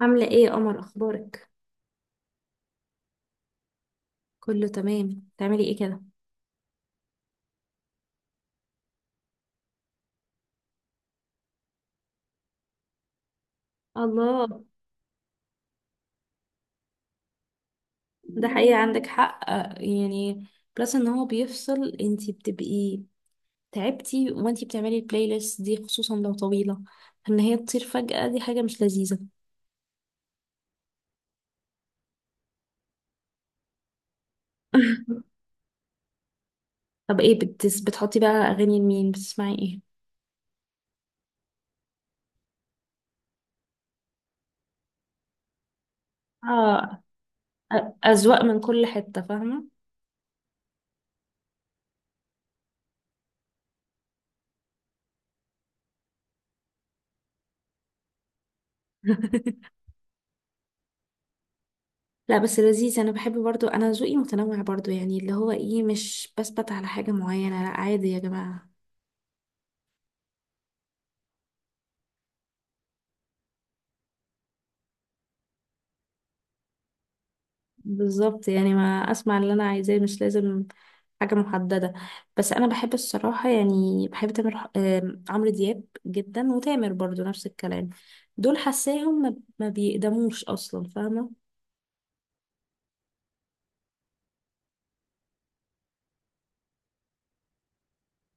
عاملة ايه يا قمر؟ اخبارك؟ كله تمام. تعملي ايه كده؟ الله. ده حقيقة، عندك حق يعني بلس ان هو بيفصل، انتي بتبقي تعبتي وانتي بتعملي البلاي ليست دي، خصوصا لو طويلة، ان هي تطير فجأة. دي حاجة مش لذيذة. طب ايه بتس بتحطي بقى؟ اغاني لمين بتسمعي؟ ايه؟ اه، اذواق من كل حتة، فاهمة؟ لا بس لذيذ، انا بحب برضو، انا ذوقي متنوع برضو، يعني اللي هو ايه، مش بثبت على حاجة معينة. لا عادي يا جماعة. بالظبط، يعني ما اسمع اللي انا عايزاه، مش لازم حاجه محدده. بس انا بحب الصراحه، يعني بحب تامر ح- آم، عمرو دياب جدا، وتامر برضو نفس الكلام. دول حاساهم ما بيقدموش اصلا، فاهمه؟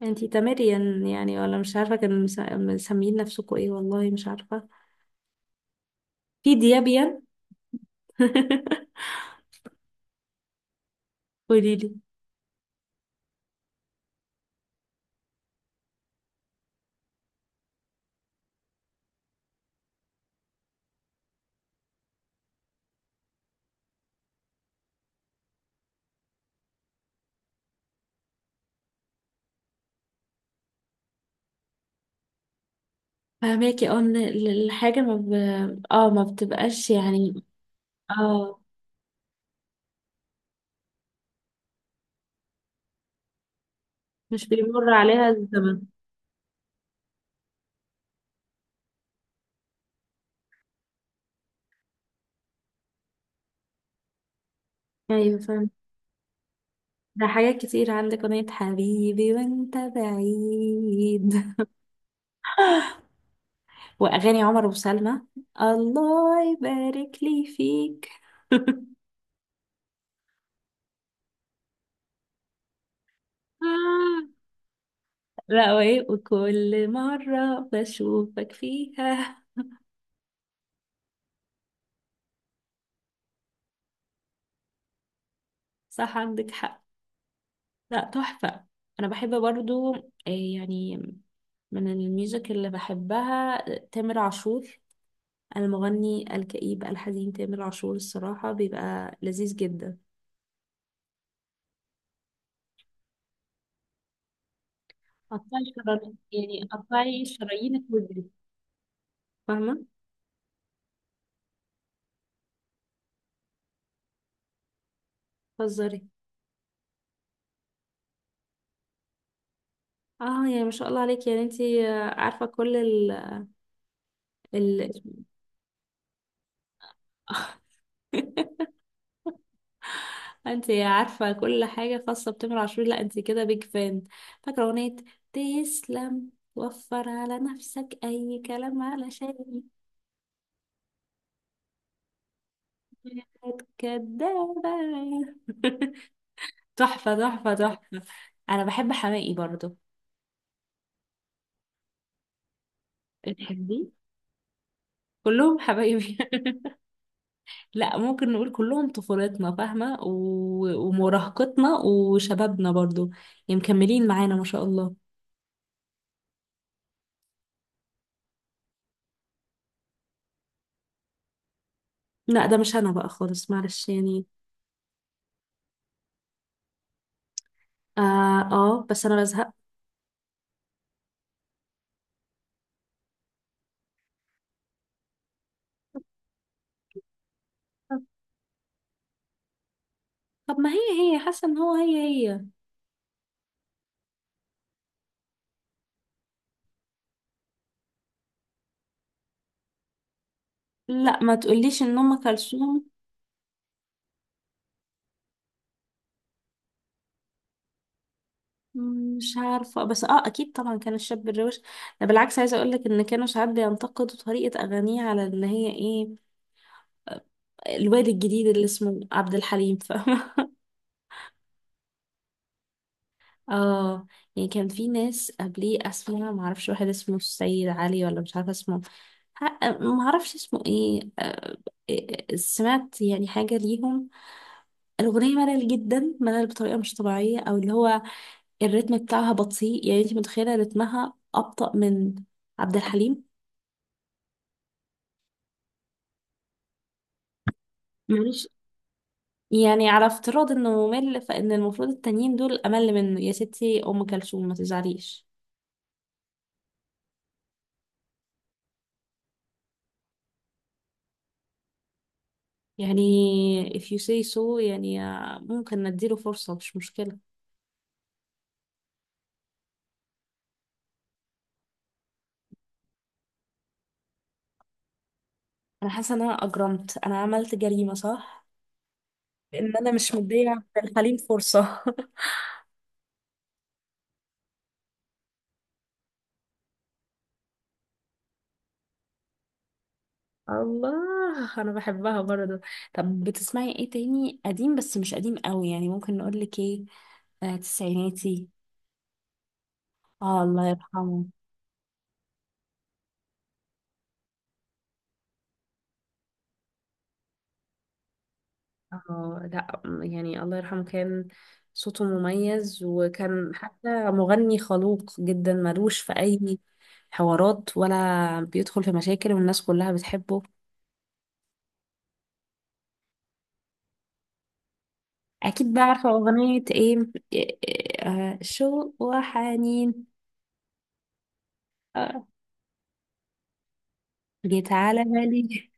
انتي تامريان يعني؟ ولا مش عارفه كانوا مسميين نفسكوا ايه، والله مش عارفه. في ديابيان. قوليلي. فهماكي، اه، ان الحاجه ما ب... اه، ما بتبقاش يعني. اه، مش بيمر عليها الزمن. ايوه، ده حاجات كتير، عندك أغنية حبيبي وانت بعيد. وأغاني عمر وسلمى. الله يبارك لي فيك. آه. لا، وإيه، وكل مرة بشوفك فيها. صح، عندك حق. لا تحفة. أنا بحب برضو إيه يعني، من الميوزك اللي بحبها تامر عاشور. المغني الكئيب الحزين تامر عاشور الصراحة بيبقى لذيذ جدا. قطعي شرايين، يعني قطعي شرايينك واجري، فاهمة؟ هزاري. اه يعني، ما شاء الله عليك، يعني انتي عارفة كل ال. انتي عارفة كل حاجة خاصة بتامر عاشور، لا انتي كده بيج فان. فاكرة اغنية تسلم وفر على نفسك اي كلام علشان كدابة؟ تحفة تحفة تحفة. انا بحب حماقي برضو. بتحبيه؟ كلهم حبايبي. لا، ممكن نقول كلهم طفولتنا، فاهمة؟ و... ومراهقتنا وشبابنا برضو، يعني مكملين معانا ما شاء الله. لا ده مش انا بقى خالص، معلش يعني. اه، آه بس انا بزهق. طب ما هي، هي حاسة ان هو، هي. لا ما تقوليش ان ام كلثوم. مش عارفة، بس اه اكيد طبعا كان الشاب الروش. ده بالعكس، عايزة اقولك ان كانوا ساعات بينتقدوا طريقة اغانيه، على ان هي ايه، الواد الجديد اللي اسمه عبد الحليم، فاهمة؟ اه، يعني كان في ناس قبليه اسمها معرفش، واحد اسمه السيد علي، ولا مش عارفة اسمه، معرفش اسمه ايه، سمعت يعني حاجة ليهم. الأغنية ملل جدا، ملل بطريقة مش طبيعية، أو اللي هو الريتم بتاعها بطيء، يعني انت متخيلة رتمها أبطأ من عبد الحليم. مش يعني، على افتراض انه ممل، فان المفروض التانيين دول امل منه يا ستي، ام كلثوم ما تزعليش. يعني if you say so يعني، ممكن نديله فرصة، مش مشكلة. أنا حاسة إن أنا أجرمت، أنا عملت جريمة صح؟ إن أنا مش مدية عبد الحليم فرصة. الله، أنا بحبها برضه. طب بتسمعي إيه تاني؟ قديم بس مش قديم قوي، يعني ممكن نقولك إيه، آه تسعيناتي. آه الله يرحمه. اه لا، يعني الله يرحمه كان صوته مميز، وكان حتى مغني خلوق جدا، ملوش في اي حوارات ولا بيدخل في مشاكل، والناس كلها بتحبه. اكيد بقى، عارفه اغنيه ايه؟ شوق وحنين. آه، جيت على بالي.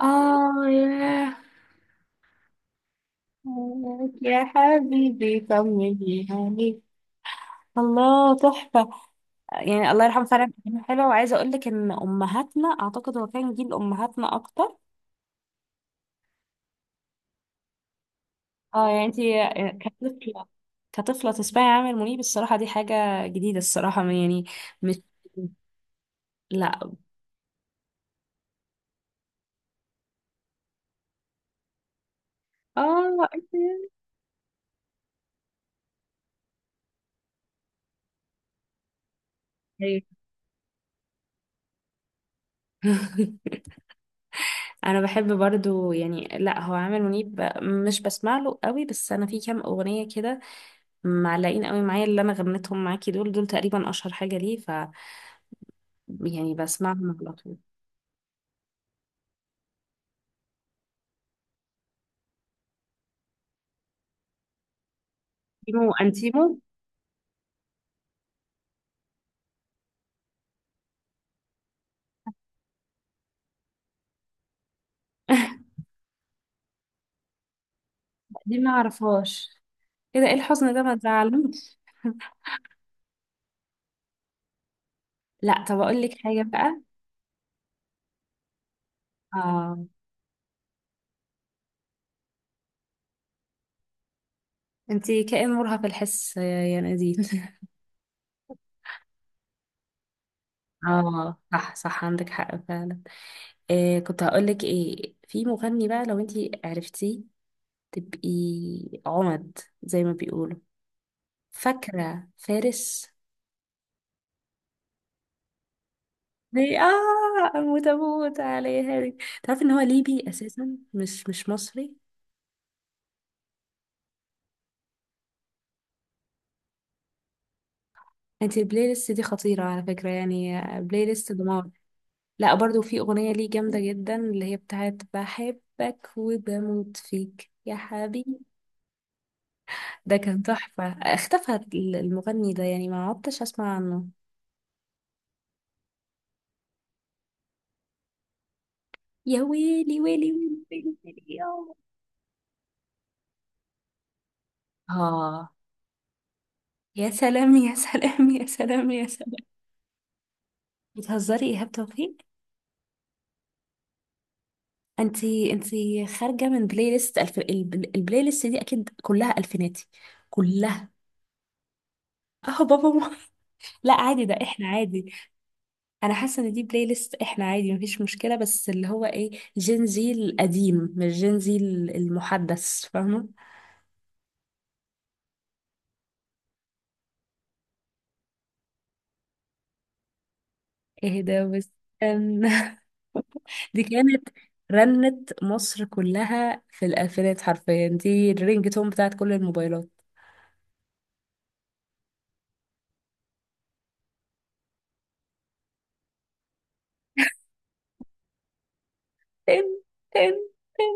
اه، يا حبيبي طمني. الله تحفة. يعني الله يرحمه فعلا كان حلو، وعايزة اقول لك ان امهاتنا، اعتقد هو كان جيل امهاتنا اكتر. اه يعني انت كطفلة، كطفلة تسمعي عامر منيب، الصراحة دي حاجة جديدة الصراحة، يعني مش لا اه أيوة. انا بحب برضو يعني، لا هو عامر منيب مش بسمع له قوي، بس انا في كام اغنية كده معلقين قوي معايا، اللي انا غنيتهم معاكي دول، دول تقريبا اشهر حاجة ليه، ف يعني بسمعهم على طول. انتيمو انتيمو. دي ما اعرفهاش. ايه ده؟ ايه الحزن ده؟ ما تزعلوش. لا طب اقول لك حاجه بقى. اه، انتي كائن مرهف الحس يا نادين. اه صح صح، عندك حق فعلا. إيه كنت هقول لك ايه؟ في مغني بقى لو انتي عرفتيه تبقي عمد زي ما بيقولوا، فاكره فارس؟ دي اه، اموت اموت عليها دي. تعرفي ان هو ليبي اساسا، مش مصري. انتي البلاي ليست دي خطيره على فكره، يعني بلاي ليست دمار. لا برضو في أغنية ليه جامدة جدا، اللي هي بتاعت بحبك وبموت فيك يا حبيبي. ده كان تحفة، اختفى المغني ده، يعني ما عدتش أسمع عنه. يا ويلي ويلي ويلي ويلي ويلي يا آه. يا سلام يا سلام يا سلام يا سلام. بتهزري؟ يا إيهاب توفيق. انتي خارجة من بلاي ليست البلاي ليست دي أكيد كلها ألفيناتي، كلها. اه بابا ما. لا عادي، ده احنا عادي. انا حاسه ان دي بلاي ليست احنا، عادي مفيش مشكله، بس اللي هو ايه، جين زي القديم، مش جين زي المحدث، فاهمه؟ ايه ده بس؟ كان. دي كانت رنت مصر كلها في الالفينات، حرفيا دي الرينج تون بتاعت كل الموبايلات. تن، تن، تن.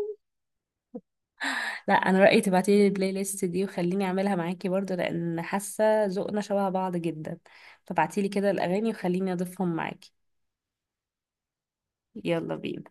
لا انا رايي تبعتي لي البلاي ليست دي وخليني اعملها معاكي برضو، لان حاسه ذوقنا شبه بعض جدا. فبعتي لي كده الاغاني وخليني اضيفهم معاكي. يلا بينا.